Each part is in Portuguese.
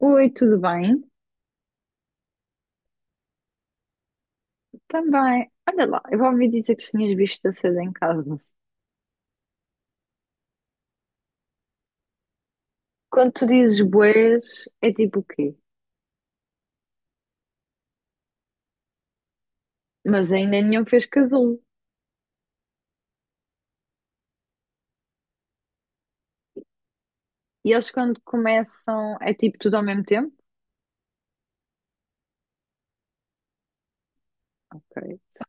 Oi, tudo bem? Também. Olha lá, eu ouvi dizer que tinhas visto a seda em casa. Quando tu dizes boés, é tipo o quê? Mas ainda nenhum fez casulo. E eles quando começam, é tipo tudo ao mesmo tempo? Ok.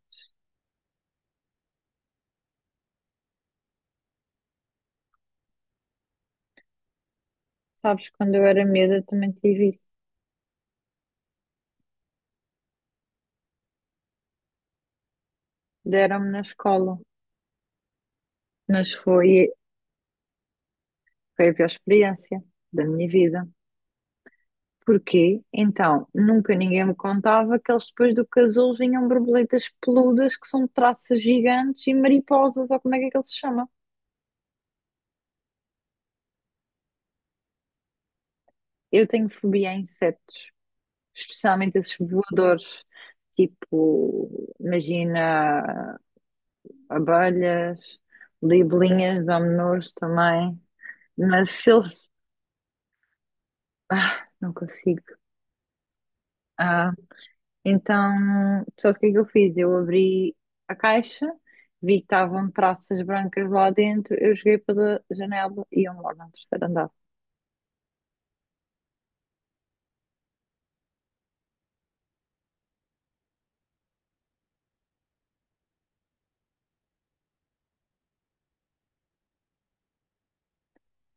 Sabes, quando eu era miúda também tive isso. Deram-me na escola. Mas foi a pior experiência da minha vida. Porquê? Então, nunca ninguém me contava que eles depois do casulo vinham borboletas peludas que são traças gigantes e mariposas, ou como é que aquilo se chama? Eu tenho fobia a insetos, especialmente esses voadores, tipo, imagina abelhas, libelinhas, dão-me nojo também, mas se eles. Ah, não consigo. Ah, então, sabes o que é que eu fiz? Eu abri a caixa, vi que estavam traças brancas lá dentro, eu joguei pela janela e eu moro no terceiro andar.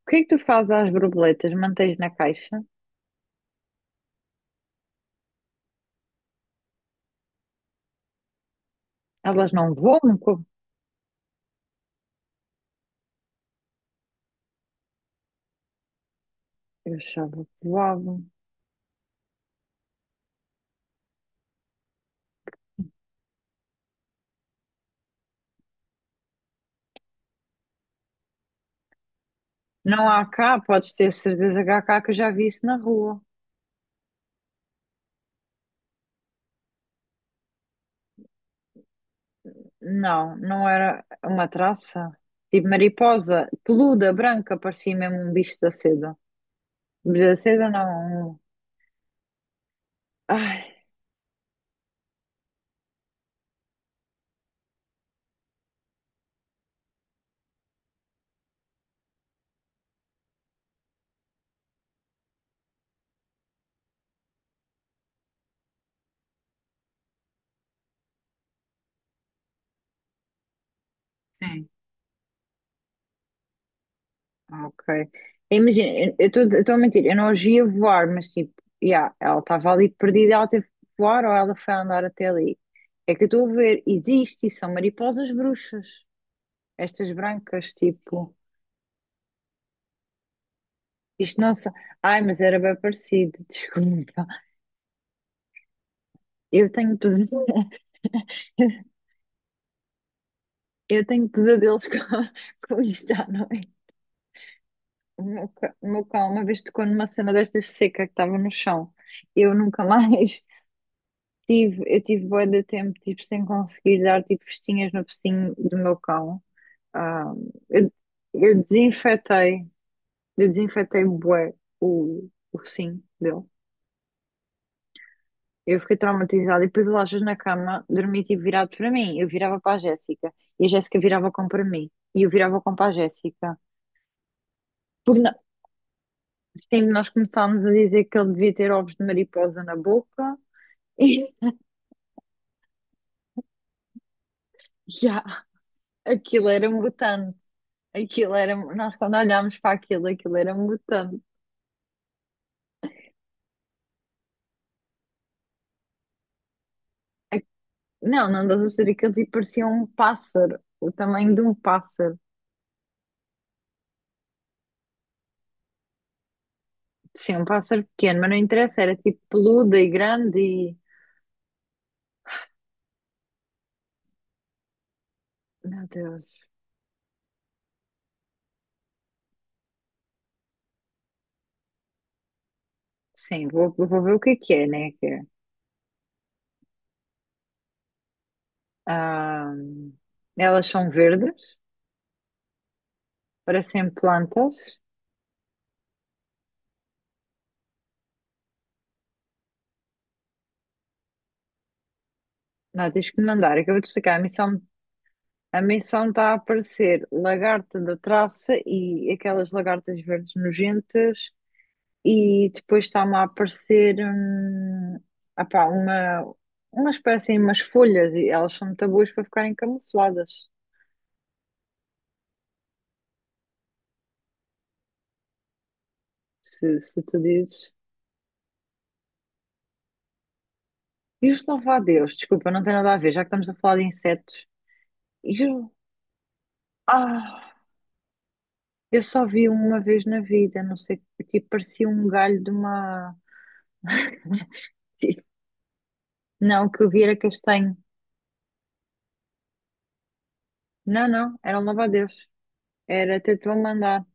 O que é que tu fazes às borboletas? Mantens na caixa? Elas não voam? Como? Eu achava que voavam. Não há cá, podes ter certeza que há cá que eu já vi isso na rua. Não, não era uma traça. Tipo mariposa, peluda, branca, parecia mesmo um bicho da seda. Um bicho da seda não. Ai, sim, ok. Imagina, eu estou a mentir, eu não os via voar, mas tipo, yeah, ela estava ali perdida, ela teve que voar ou ela foi andar até ali. É que eu estou a ver, existe e são mariposas bruxas. Estas brancas, tipo, isto não são. Ai, mas era bem parecido, desculpa. Eu tenho pesa- eu tenho pesadelos com, com isto à noite. O meu cão uma vez tocou numa cena destas seca que estava no chão. Eu nunca mais eu tive bué de tempo, tipo, sem conseguir dar, tipo, festinhas no focinho do meu cão. Ah, eu, eu desinfetei, eu desinfetei bué o focinho dele. Eu fiquei traumatizada e depois o Lajas na cama dormia tipo virado para mim. Eu virava para a Jéssica e a Jéssica virava com para mim e eu virava com para a Jéssica. Porque na- sempre nós começámos a dizer que ele devia ter ovos de mariposa na boca e já, aquilo era mutante. Aquilo era, nós quando olhámos para aquilo, aquilo era mutante. Não, não das histórias que ele tipo, parecia um pássaro, o tamanho de um pássaro. Sim, um pássaro pequeno, mas não interessa, era tipo peludo e grande e. Meu Deus. Sim, vou ver o que é, né? Que é. Ah, elas são verdes, parecem plantas. Não, tens que me mandar. Acabei de chegar. A missão está a aparecer lagarta da traça e aquelas lagartas verdes nojentas. E depois está-me a aparecer apá, umas parecem umas folhas e elas são muito boas para ficarem camufladas. Se tu dizes. E os louva-a-Deus, desculpa, não tem nada a ver, já que estamos a falar de insetos. E os... Ah! Eu só vi uma vez na vida, não sei, tipo, parecia um galho de uma. Não, que eu vi era castanho. Não, não, era um louva. Era, até te vou mandar.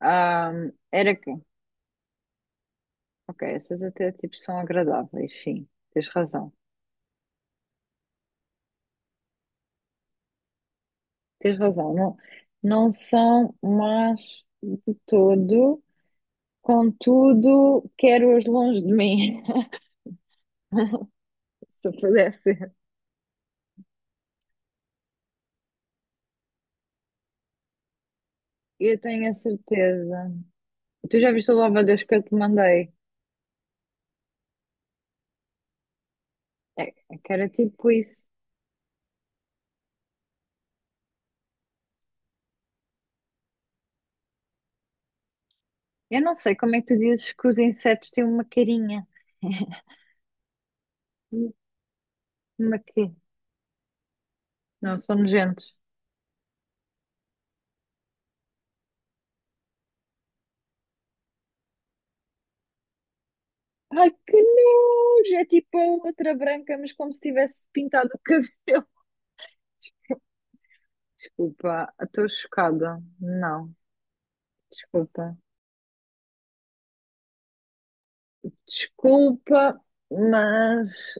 Ah, era que. Ok, essas até tipo são agradáveis, sim, tens razão. Tens razão, não, não são más de todo, contudo, quero-as longe de mim, se eu pudesse. Eu tenho a certeza. Tu já viste o louva que eu te mandei? É, é que era tipo isso. Eu não sei como é que tu dizes que os insetos têm uma carinha. Uma quê? Não, são nojentos. Ai, que nojo! É tipo a outra branca, mas como se tivesse pintado o cabelo. Desculpa, estou chocada. Não, desculpa. Desculpa, mas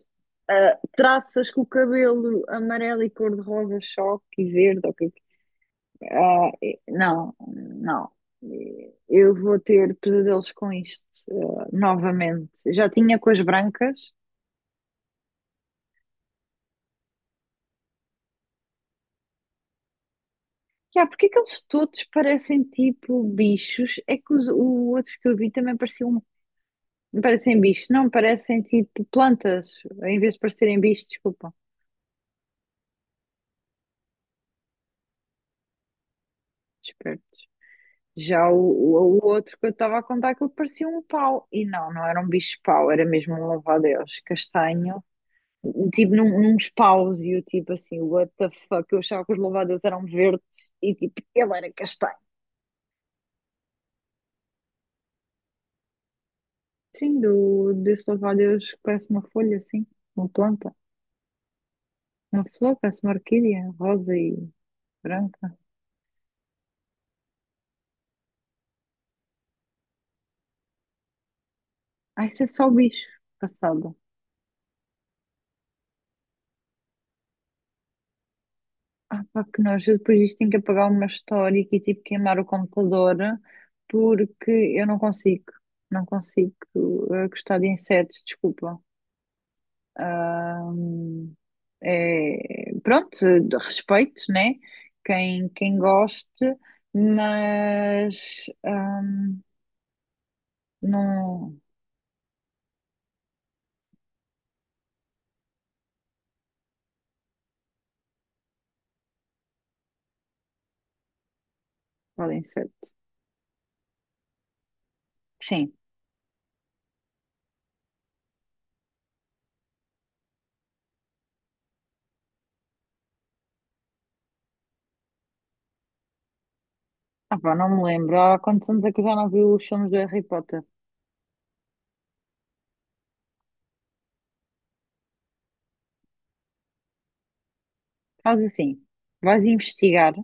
ah, traças com o cabelo amarelo e cor-de-rosa choque e verde, ok? Ah, não, não. E eu vou ter pesadelos com isto, ah, novamente. Já tinha com as brancas. Já, porque é que eles todos parecem tipo bichos? É que o outro que eu vi também parecia um, parecem bichos, não, parecem tipo plantas, em vez de parecerem bichos, desculpa. Esperto. Já o outro que eu estava a contar, aquilo parecia um pau. E não, não era um bicho pau, era mesmo um louva-a-Deus castanho tipo num espáusio, tipo assim, what the fuck, eu achava que os louvadeus eram verdes e tipo, ele era castanho. Sim, desse louvadeus que parece uma folha, assim, uma planta, uma flor, parece uma orquídea, rosa e branca. Ah, isso é só bicho, passada. Ah, pá, que nós depois disto tenho que apagar uma história e tipo queimar o computador porque eu não consigo, não consigo gostar de insetos, desculpa. Ahm, É, pronto, de respeito, né? Quem goste, mas não. Podem ser. Sim. Ah, pá, não me lembro. Há quantos anos é que eu já não vi os filmes do Harry Potter? Faz assim, vais investigar,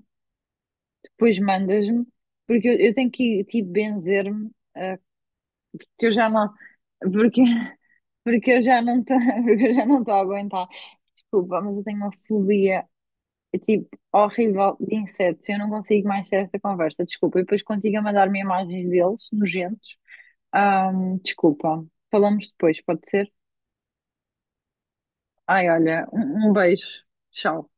depois mandas-me, porque eu tenho que tipo benzer-me, ah, porque eu já não. Porque, porque eu já não estou, porque eu já não estou a aguentar. Desculpa, mas eu tenho uma fobia. É tipo, horrível de insetos. Eu não consigo mais ter esta conversa, desculpa. E depois contigo a mandar-me imagens deles, nojentos. Desculpa. Falamos depois, pode ser? Ai, olha, um beijo. Tchau.